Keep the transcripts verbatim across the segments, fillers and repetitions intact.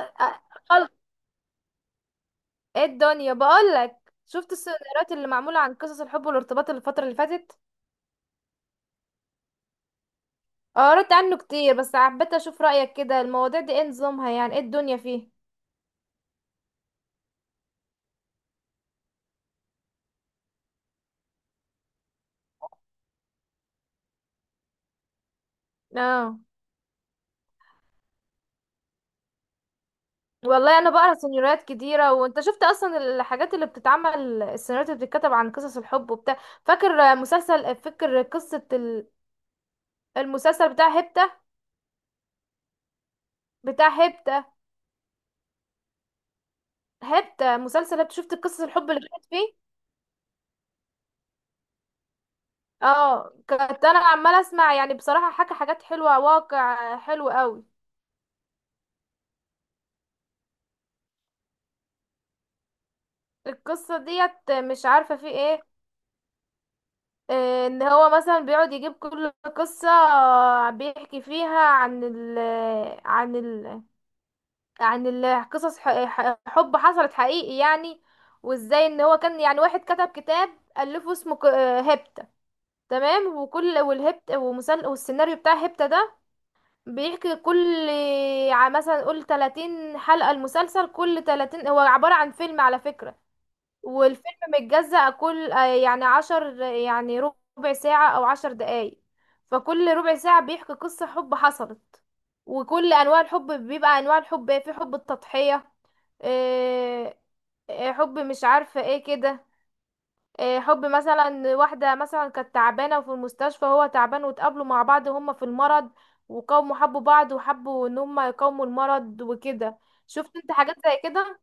أ- خلق ايه الدنيا، بقول لك شفت السيناريوهات اللي معمولة عن قصص الحب والارتباط الفترة اللي فاتت. آه، قريت عنه كتير بس حبيت اشوف رأيك، كده المواضيع دي ايه نظامها، يعني ايه الدنيا فيه. اه والله انا بقرا سيناريوهات كتيرة، وانت شفت اصلا الحاجات اللي بتتعمل، السيناريوهات اللي بتتكتب عن قصص الحب وبتاع. فاكر مسلسل فاكر قصة ال- المسلسل بتاع هبتة، بتاع هبتة، هبتة مسلسل هبتة، شفت قصص الحب اللي كانت فيه؟ اه كنت انا عماله اسمع، يعني بصراحه حكى حاجات حلوه، واقع حلو قوي. القصه ديت مش عارفه في ايه، آه، ان هو مثلا بيقعد يجيب كل قصه، بيحكي فيها عن ال عن ال عن ال- قصص ح- ح- حب حصلت حقيقي يعني. وازاي ان هو كان، يعني واحد كتب كتاب الفه اسمه ك- آه، هيبتا. تمام، وكل والهبت ومسل والسيناريو بتاع هيبتا ده بيحكي كل ع- مثلا قول ثلاثين حلقة، المسلسل كل ثلاثين هو عبارة عن فيلم على فكرة. والفيلم متجزأ كل آه، يعني عشر يعني ربع ساعة أو عشر دقايق. فكل ربع ساعة بيحكي قصة حب حصلت، وكل أنواع الحب، بيبقى أنواع الحب إيه، في حب التضحية، إيه، إيه، حب مش عارفة ايه كده، إيه، حب مثلا واحدة مثلا كانت تعبانة وفي المستشفى، هو تعبان واتقابلوا مع بعض هما في المرض، وقاموا حبوا بعض وحبوا ان هما يقاوموا المرض وكده. شفت انت حاجات زي كده؟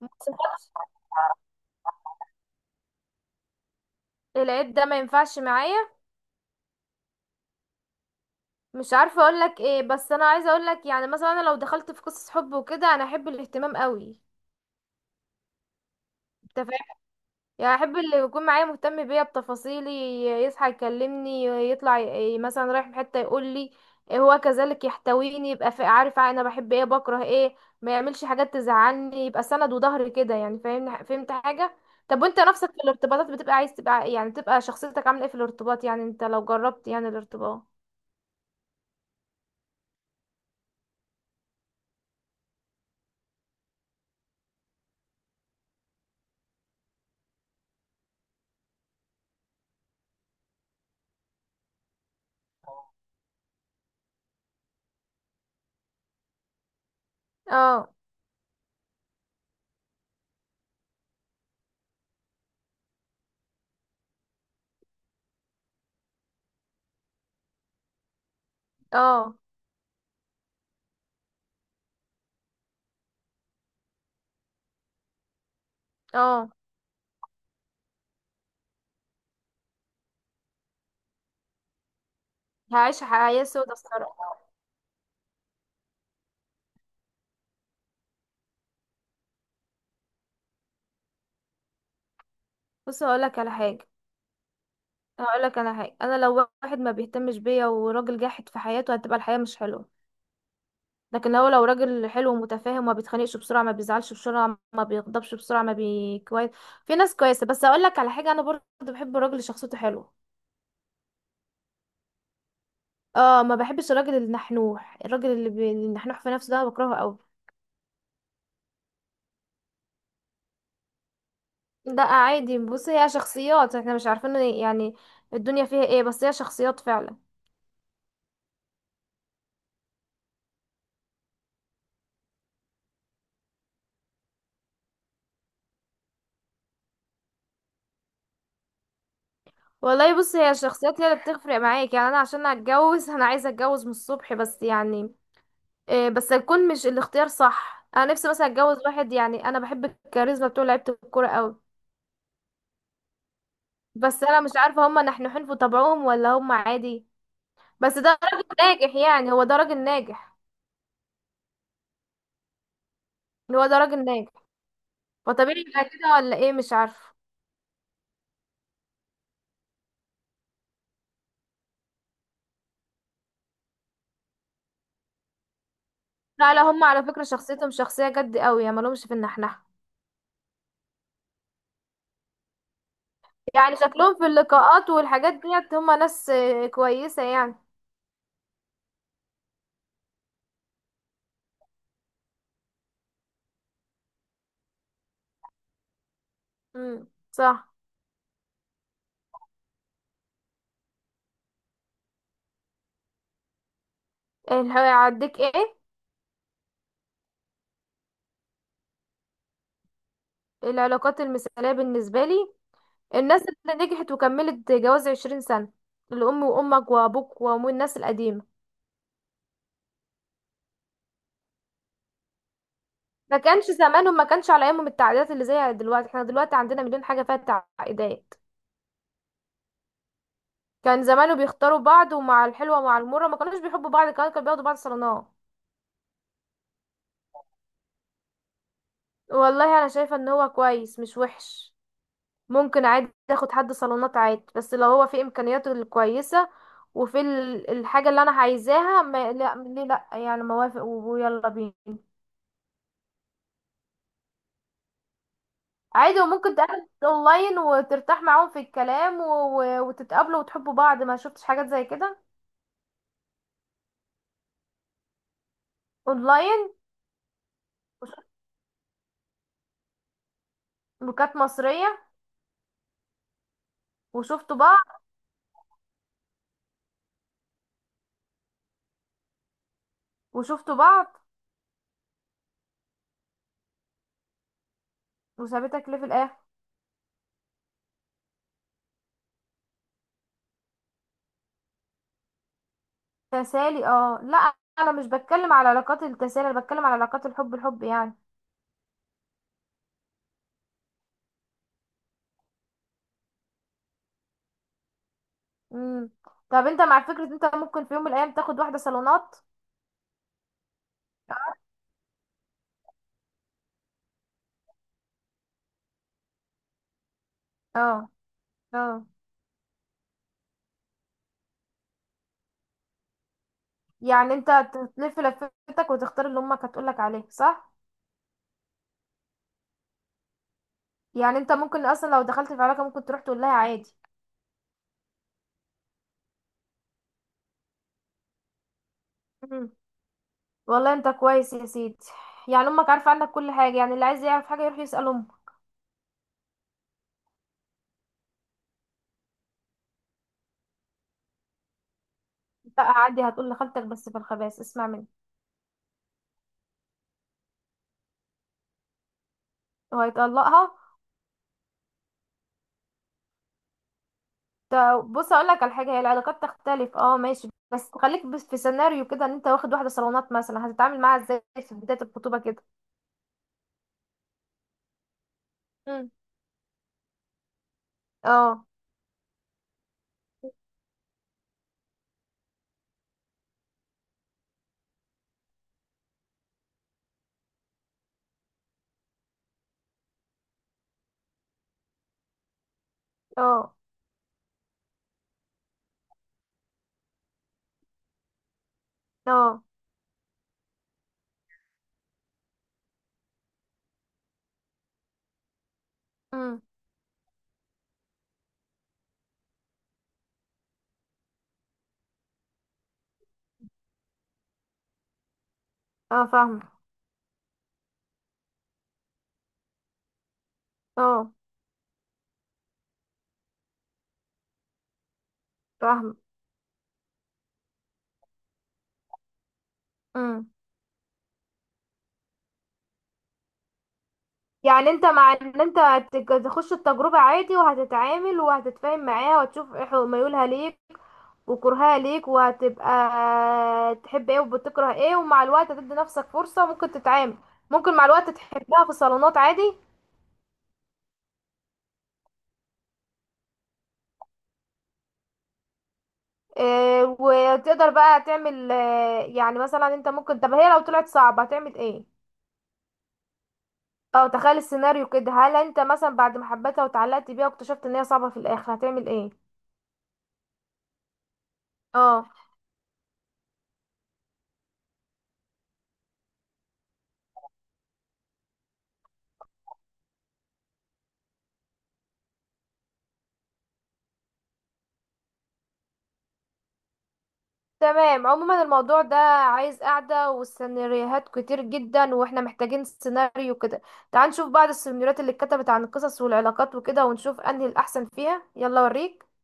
ما حصلتش؟ العيب ده ما ينفعش معايا. مش عارفة اقولك ايه، بس انا عايزة اقولك، يعني مثلا انا لو دخلت في قصص حب وكده، انا احب الاهتمام قوي. انت، يعني احب اللي يكون معايا مهتم بيا بتفاصيلي، يصحى يكلمني، يطلع ي- مثلا رايح في حتة يقول لي، هو كذلك يحتويني، يبقى فا- عارف انا بحب ايه بكره ايه، ما يعملش حاجات تزعلني، يبقى سند وظهر كده، يعني فاهمني، فهمت حاجة؟ طب وانت نفسك في الارتباطات بتبقى عايز تبقى، يعني تبقى شخصيتك عاملة ايه في الارتباط، يعني انت لو جربت يعني الارتباط. اه اه اه. هعيش حياة سودة الصراحة. بص هقولك على حاجة، هقولك على حاجة انا لو واحد ما بيهتمش بيا وراجل جاحد في حياته، هتبقى الحياة مش حلوة. لكن هو لو راجل حلو ومتفاهم، ما بيتخانقش بسرعة، ما بيزعلش بسرعة، ما بيغضبش بسرعة، ما بي كويس، في ناس كويسة. بس اقول لك على حاجة، انا برضه بحب الراجل اللي شخصيته حلوة. اه، ما بحبش الراجل النحنوح، الراجل اللي بي- النحنوح في نفسه ده أنا بكرهه قوي. ده عادي، بص هي شخصيات احنا مش عارفين يعني الدنيا فيها ايه، بس هي شخصيات فعلا. والله بص هي الشخصيات هي اللي بتفرق معاك، يعني انا عشان اتجوز انا عايزه اتجوز من الصبح، بس يعني إيه، بس يكون مش الاختيار صح. انا نفسي مثلا اتجوز واحد، يعني انا بحب الكاريزما بتوع لعيبه الكوره قوي. بس انا مش عارفه هما نحنحين في طبعهم ولا هما عادي. بس ده راجل ناجح، يعني هو ده راجل ناجح، هو ده راجل ناجح، فطبيعي يبقى كده ولا ايه؟ مش عارفه. لا لا، هما على فكره شخصيتهم شخصيه جد قوي، يعني مالهمش في النحنحه. يعني شكلهم في اللقاءات والحاجات ديت هما ناس آه، كويسه يعني. امم، صح. اللي هيعديك ايه؟ العلاقات المثاليه بالنسبه لي الناس اللي نجحت وكملت جواز عشرين سنة، الأم وأمك وأبوك وأمو الناس القديمة. ما كانش زمانهم، ما كانش على أيامهم التعقيدات اللي زي دلوقتي، احنا دلوقتي عندنا مليون حاجة فيها تعقيدات. كان زمانه بيختاروا بعض، ومع الحلوة ومع المرة ما كانوش بيحبوا بعض كمان، كانوا بياخدوا بعض صالونات. والله أنا شايفة إن هو كويس، مش وحش. ممكن عادي تاخد حد صالونات عادي، بس لو هو في إمكانياته الكويسة، وفي ال- الحاجة اللي أنا عايزاها، ما لا ليه لأ، يعني موافق ويلا بينا. عادي، وممكن تقابل اونلاين وترتاح معاهم في الكلام و... و... وتتقابلوا وتحبوا بعض. ما شفتش حاجات زي كده؟ اونلاين، وكانت مصرية، وشفتوا بعض، وشفتوا بعض، وسابتك ليه في الاخر؟ تسالي؟ اه لا، انا مش بتكلم على علاقات التسالي، انا بتكلم على علاقات الحب، الحب يعني. امم. طب انت مع فكرة انت ممكن في يوم من الايام تاخد واحدة صالونات؟ اه. اه. يعني انت تلف لفتك وتختار اللي امك هتقولك عليه، صح؟ يعني انت ممكن اصلا لو دخلت في علاقة ممكن تروح تقول لها عادي. مم. والله انت كويس يا سيدي، يعني امك عارفه عنك كل حاجه، يعني اللي عايز يعرف حاجه يروح يسال امك. لا عادي هتقول لخالتك، بس في الخباز اسمع مني. وهيطلقها؟ ط- بص اقول لك على حاجه، هي العلاقات تختلف اه ماشي، بس خليك بس في سيناريو كده، ان انت واخد واحده صالونات مثلا، هتتعامل معاها ازاي في بدايه الخطوبه كده؟ مم. اه. اه. اه. امم. اه فاهمه. اه فاهمه. امم. يعني انت مع ان انت هتج- تخش التجربة عادي، وهتتعامل وهتتفاهم معاها وتشوف ايه حو- ميولها ليك وكرهها ليك، وهتبقى تحب ايه وبتكره ايه، ومع الوقت هتدي نفسك فرصة ممكن تتعامل، ممكن مع الوقت تحبها في الصالونات عادي. آه، وتقدر بقى تعمل، آه، يعني مثلا انت ممكن، طب هي لو طلعت صعبة هتعمل ايه؟ او تخيل السيناريو كده، هل انت مثلا بعد ما حبيتها وتعلقت بيها واكتشفت ان هي صعبة في الاخر هتعمل ايه؟ اه. تمام، عموما الموضوع ده عايز قعدة، والسيناريوهات كتير جدا، واحنا محتاجين سيناريو كده. تعال نشوف بعض السيناريوهات اللي اتكتبت عن القصص والعلاقات وكده، ونشوف انهي الاحسن فيها، يلا اوريك.